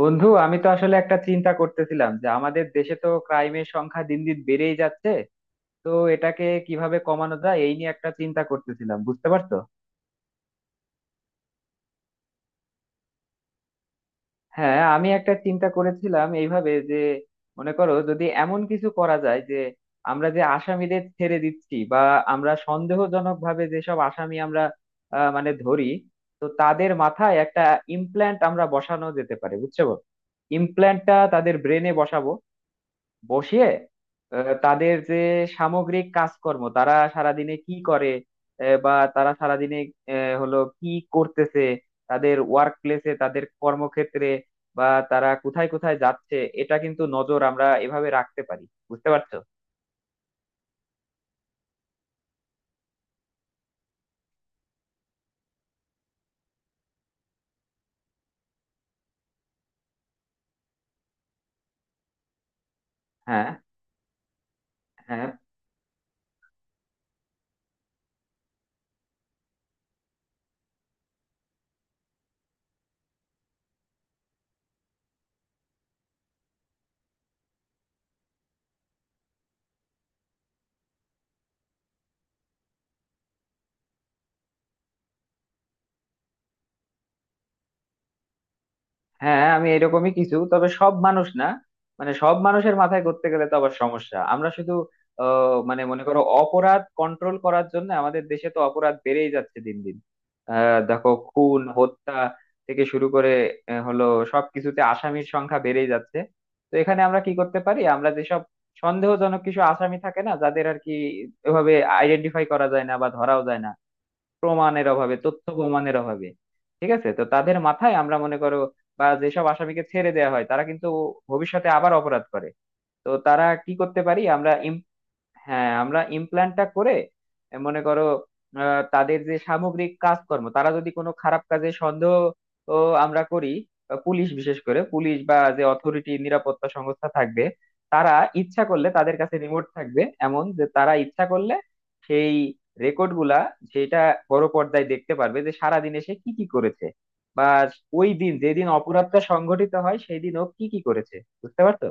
বন্ধু, আমি তো আসলে একটা চিন্তা করতেছিলাম যে আমাদের দেশে তো ক্রাইমের সংখ্যা দিন দিন বেড়েই যাচ্ছে। তো এটাকে কিভাবে কমানো যায় এই নিয়ে একটা চিন্তা করতেছিলাম, বুঝতে পারছো। হ্যাঁ, আমি একটা চিন্তা করেছিলাম এইভাবে যে মনে করো যদি এমন কিছু করা যায় যে আমরা যে আসামিদের ছেড়ে দিচ্ছি বা আমরা সন্দেহজনক ভাবে যেসব আসামি আমরা মানে ধরি, তো তাদের মাথায় একটা ইমপ্ল্যান্ট আমরা বসানো যেতে পারে, বুঝছো। ইমপ্ল্যান্টটা তাদের ব্রেনে বসাবো, বসিয়ে তাদের যে সামগ্রিক কাজকর্ম, তারা সারাদিনে কি করে, বা তারা সারাদিনে আহ, হলো কি করতেছে, তাদের ওয়ার্ক প্লেসে, তাদের কর্মক্ষেত্রে, বা তারা কোথায় কোথায় যাচ্ছে, এটা কিন্তু নজর আমরা এভাবে রাখতে পারি, বুঝতে পারছো। হ্যাঁ, হ্যাঁ। হ্যাঁ, আমি এরকমই কিছু, তবে সব মানুষ না। মানে সব মানুষের মাথায় করতে গেলে তো আবার সমস্যা, আমরা শুধু মানে মনে করো অপরাধ কন্ট্রোল করার জন্য। আমাদের দেশে তো অপরাধ বেড়েই যাচ্ছে দিন দিন। দেখো, খুন হত্যা থেকে শুরু করে আহ, হলো সবকিছুতে আসামির সংখ্যা বেড়েই যাচ্ছে। তো এখানে আমরা কি করতে পারি, আমরা যেসব সন্দেহজনক কিছু আসামি থাকে না, যাদের আর কি এভাবে আইডেন্টিফাই করা যায় না বা ধরাও যায় না, প্রমাণের অভাবে, তথ্য প্রমাণের অভাবে, ঠিক আছে। তো তাদের মাথায় আমরা মনে করো বা যেসব আসামিকে ছেড়ে দেওয়া হয় তারা কিন্তু ভবিষ্যতে আবার অপরাধ করে, তো তারা কি করতে পারি আমরা। হ্যাঁ, আমরা ইমপ্ল্যান্টটা করে মনে করো তাদের যে সামগ্রিক কাজকর্ম, তারা যদি কোনো খারাপ কাজে সন্দেহ ও আমরা করি পুলিশ, বিশেষ করে পুলিশ বা যে অথরিটি, নিরাপত্তা সংস্থা থাকবে, তারা ইচ্ছা করলে, তাদের কাছে রিমোট থাকবে এমন, যে তারা ইচ্ছা করলে সেই রেকর্ড গুলা, সেটা বড় পর্দায় দেখতে পারবে যে সারাদিনে সে কি কি করেছে বা ওই দিন, যেদিন অপরাধটা সংঘটিত হয়, সেই দিন ও কি কি করেছে, বুঝতে পারছো।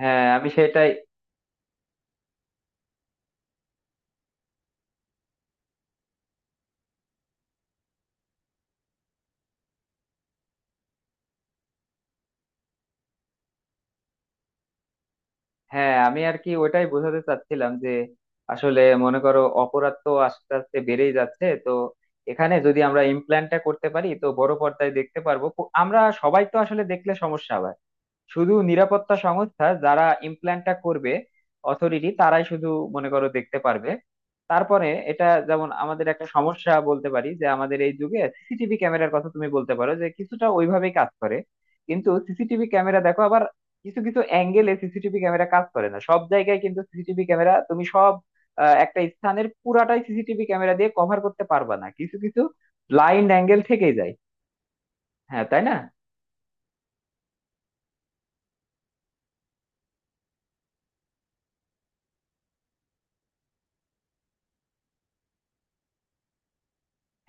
হ্যাঁ, আমি সেটাই। হ্যাঁ, আমি আর কি ওইটাই বোঝাতে চাচ্ছিলাম যে আসলে মনে করো অপরাধ তো আস্তে আস্তে বেড়েই যাচ্ছে। তো এখানে যদি আমরা ইমপ্ল্যান্টটা করতে পারি, তো বড় পর্দায় দেখতে পারবো। আমরা সবাই তো আসলে দেখলে সমস্যা, শুধু নিরাপত্তা সংস্থা যারা ইমপ্ল্যান্টটা করবে, অথরিটি, তারাই শুধু মনে করো দেখতে পারবে। তারপরে এটা যেমন আমাদের একটা সমস্যা বলতে পারি যে আমাদের এই যুগে সিসিটিভি ক্যামেরার কথা তুমি বলতে পারো, যে কিছুটা ওইভাবেই কাজ করে। কিন্তু সিসিটিভি ক্যামেরা দেখো আবার কিছু কিছু অ্যাঙ্গেলে সিসিটিভি ক্যামেরা কাজ করে না, সব জায়গায়। কিন্তু সিসিটিভি ক্যামেরা তুমি সব একটা স্থানের পুরাটাই সিসিটিভি ক্যামেরা দিয়ে কভার করতে পারবা না, কিছু কিছু ব্লাইন্ড অ্যাঙ্গেল থেকেই যায়। হ্যাঁ, তাই না।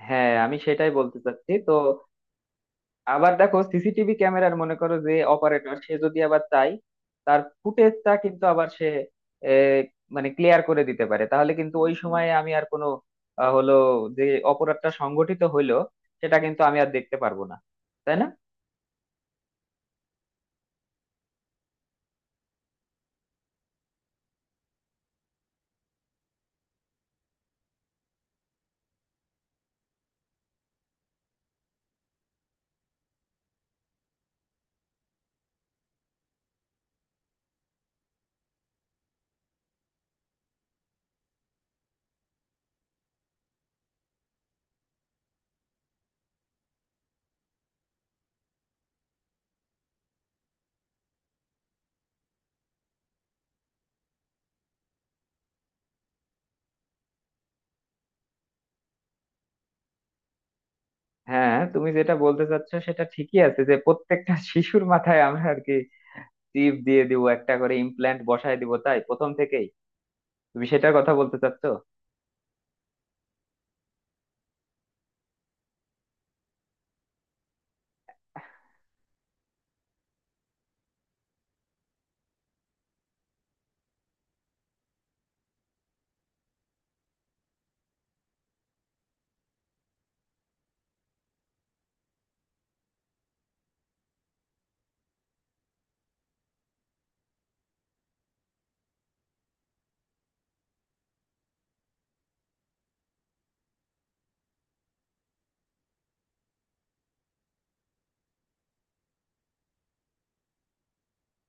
হ্যাঁ, আমি সেটাই বলতে চাচ্ছি। তো আবার দেখো, সিসিটিভি ক্যামেরার মনে করো যে অপারেটর, সে যদি আবার চাই, তার ফুটেজটা কিন্তু আবার সে এ, মানে ক্লিয়ার করে দিতে পারে। তাহলে কিন্তু ওই সময়ে আমি আর কোনো আহ, হলো যে অপরাধটা সংগঠিত হইলো, সেটা কিন্তু আমি আর দেখতে পারবো না, তাই না। হ্যাঁ, তুমি যেটা বলতে চাচ্ছ সেটা ঠিকই আছে, যে প্রত্যেকটা শিশুর মাথায় আমরা আর কি চিপ দিয়ে দিব, একটা করে ইমপ্ল্যান্ট বসায় দিব, তাই প্রথম থেকেই, তুমি সেটার কথা বলতে চাচ্ছ।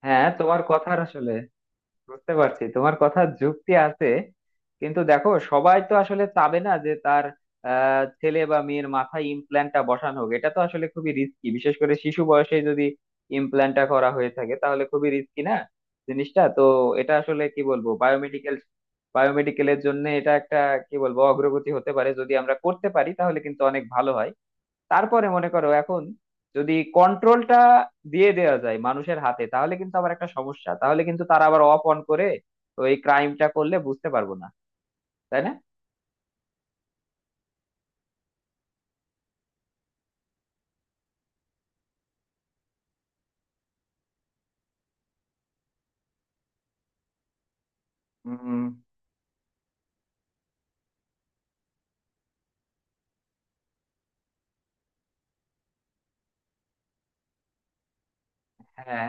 হ্যাঁ, তোমার কথার আসলে বুঝতে পারছি, তোমার কথা যুক্তি আছে। কিন্তু দেখো, সবাই তো আসলে চাবে না যে তার ছেলে বা মেয়ের মাথায় ইমপ্ল্যান্টটা বসানো হোক। এটা তো আসলে খুবই রিস্কি, বিশেষ করে শিশু বয়সে যদি ইমপ্ল্যান্টটা করা হয়ে থাকে তাহলে খুবই রিস্কি না জিনিসটা তো। এটা আসলে কি বলবো, বায়োমেডিকেল, বায়োমেডিকেলের জন্য এটা একটা, কি বলবো, অগ্রগতি হতে পারে। যদি আমরা করতে পারি তাহলে কিন্তু অনেক ভালো হয়। তারপরে মনে করো এখন যদি কন্ট্রোলটা দিয়ে দেওয়া যায় মানুষের হাতে, তাহলে কিন্তু আবার একটা সমস্যা, তাহলে কিন্তু তারা আবার অফ অন করে ওই ক্রাইমটা করলে বুঝতে পারবো না, তাই না। উম, হ্যাঁ।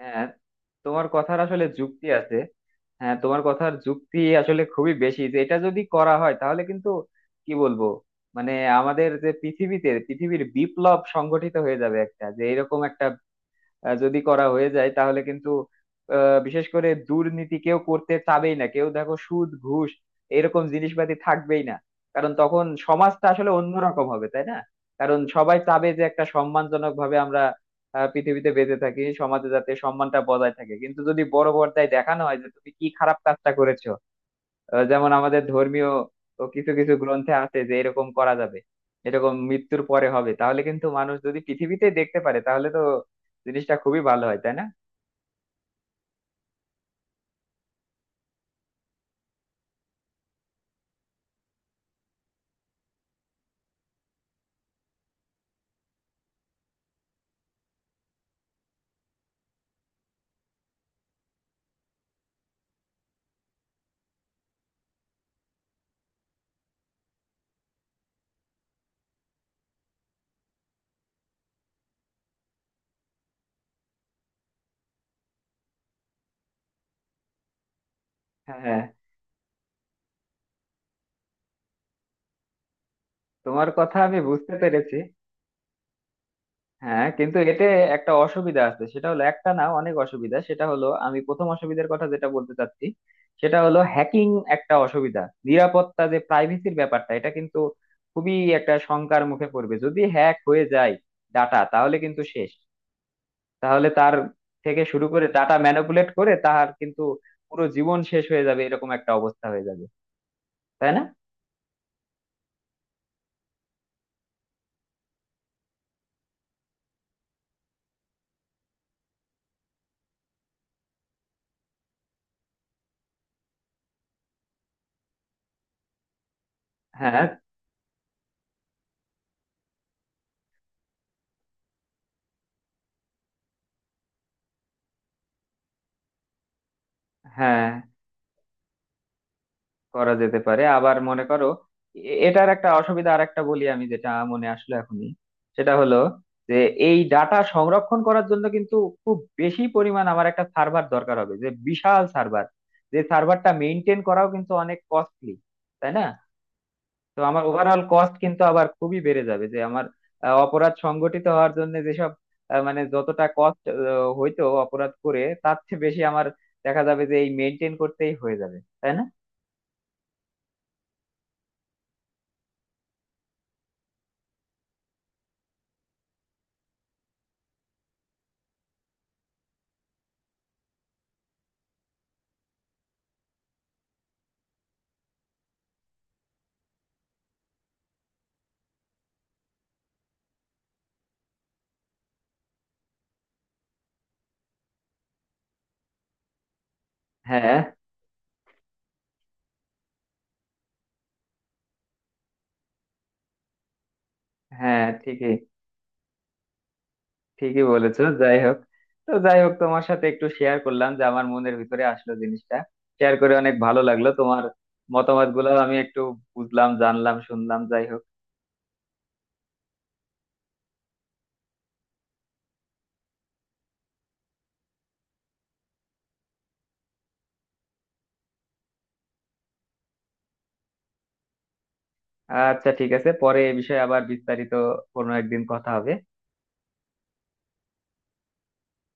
হ্যাঁ, তোমার কথার আসলে যুক্তি আছে। হ্যাঁ, তোমার কথার যুক্তি আসলে খুবই বেশি, যে এটা যদি করা হয় তাহলে কিন্তু, কি বলবো, মানে আমাদের যে পৃথিবীতে পৃথিবীর বিপ্লব সংগঠিত হয়ে যাবে একটা, যে এরকম একটা যদি করা হয়ে যায় তাহলে কিন্তু বিশেষ করে দুর্নীতি কেউ করতে চাবেই না। কেউ দেখো সুদ ঘুষ এরকম জিনিসপাতি থাকবেই না, কারণ তখন সমাজটা আসলে অন্যরকম হবে, তাই না। কারণ সবাই চাবে যে একটা সম্মানজনক ভাবে আমরা পৃথিবীতে বেঁচে থাকি, সমাজে যাতে সম্মানটা বজায় থাকে। কিন্তু যদি বড় পর্দায় দেখানো হয় যে তুমি কি খারাপ কাজটা করেছো, যেমন আমাদের ধর্মীয় ও কিছু কিছু গ্রন্থে আছে যে এরকম করা যাবে, এরকম মৃত্যুর পরে হবে, তাহলে কিন্তু মানুষ যদি পৃথিবীতে দেখতে পারে তাহলে তো জিনিসটা খুবই ভালো হয়, তাই না। হ্যাঁ, হ্যাঁ। তোমার কথা আমি বুঝতে পেরেছি। হ্যাঁ, কিন্তু এতে একটা অসুবিধা আছে, সেটা হলো একটা না, অনেক অসুবিধা। সেটা হলো, আমি প্রথম অসুবিধার কথা যেটা বলতে চাচ্ছি, সেটা হলো হ্যাকিং, একটা অসুবিধা। নিরাপত্তা, যে প্রাইভেসির ব্যাপারটা এটা কিন্তু খুবই একটা শঙ্কার মুখে পড়বে। যদি হ্যাক হয়ে যায় ডাটা, তাহলে কিন্তু শেষ, তাহলে তার থেকে শুরু করে, ডাটা ম্যানিপুলেট করে, তার কিন্তু পুরো জীবন শেষ হয়ে যাবে, এরকম একটা অবস্থা হয়ে যাবে, তাই না। হ্যাঁ, হ্যাঁ, করা যেতে পারে। আবার মনে করো এটার একটা অসুবিধা আর একটা বলি, আমি যেটা মনে আসলো এখনই। সেটা হলো যে এই ডাটা সংরক্ষণ করার জন্য কিন্তু খুব বেশি পরিমাণ আমার একটা সার্ভার দরকার হবে, যে বিশাল সার্ভার, যে সার্ভারটা মেইনটেইন করাও কিন্তু অনেক কস্টলি, তাই না। তো আমার ওভারঅল কস্ট কিন্তু আবার খুবই বেড়ে যাবে, যে আমার অপরাধ সংগঠিত হওয়ার জন্য যেসব, মানে যতটা কস্ট হইতো অপরাধ করে, তার চেয়ে বেশি আমার দেখা যাবে যে এই মেনটেন করতেই হয়ে যাবে, তাই না। হ্যাঁ, হ্যাঁ, ঠিকই। ঠিকই বলেছো। যাই হোক, তো যাই হোক, তোমার সাথে একটু শেয়ার করলাম যে আমার মনের ভিতরে আসলো জিনিসটা, শেয়ার করে অনেক ভালো লাগলো। তোমার মতামত গুলো আমি একটু বুঝলাম, জানলাম, শুনলাম। যাই হোক, আচ্ছা, ঠিক আছে, পরে এ বিষয়ে আবার বিস্তারিত কোনো একদিন কথা হবে।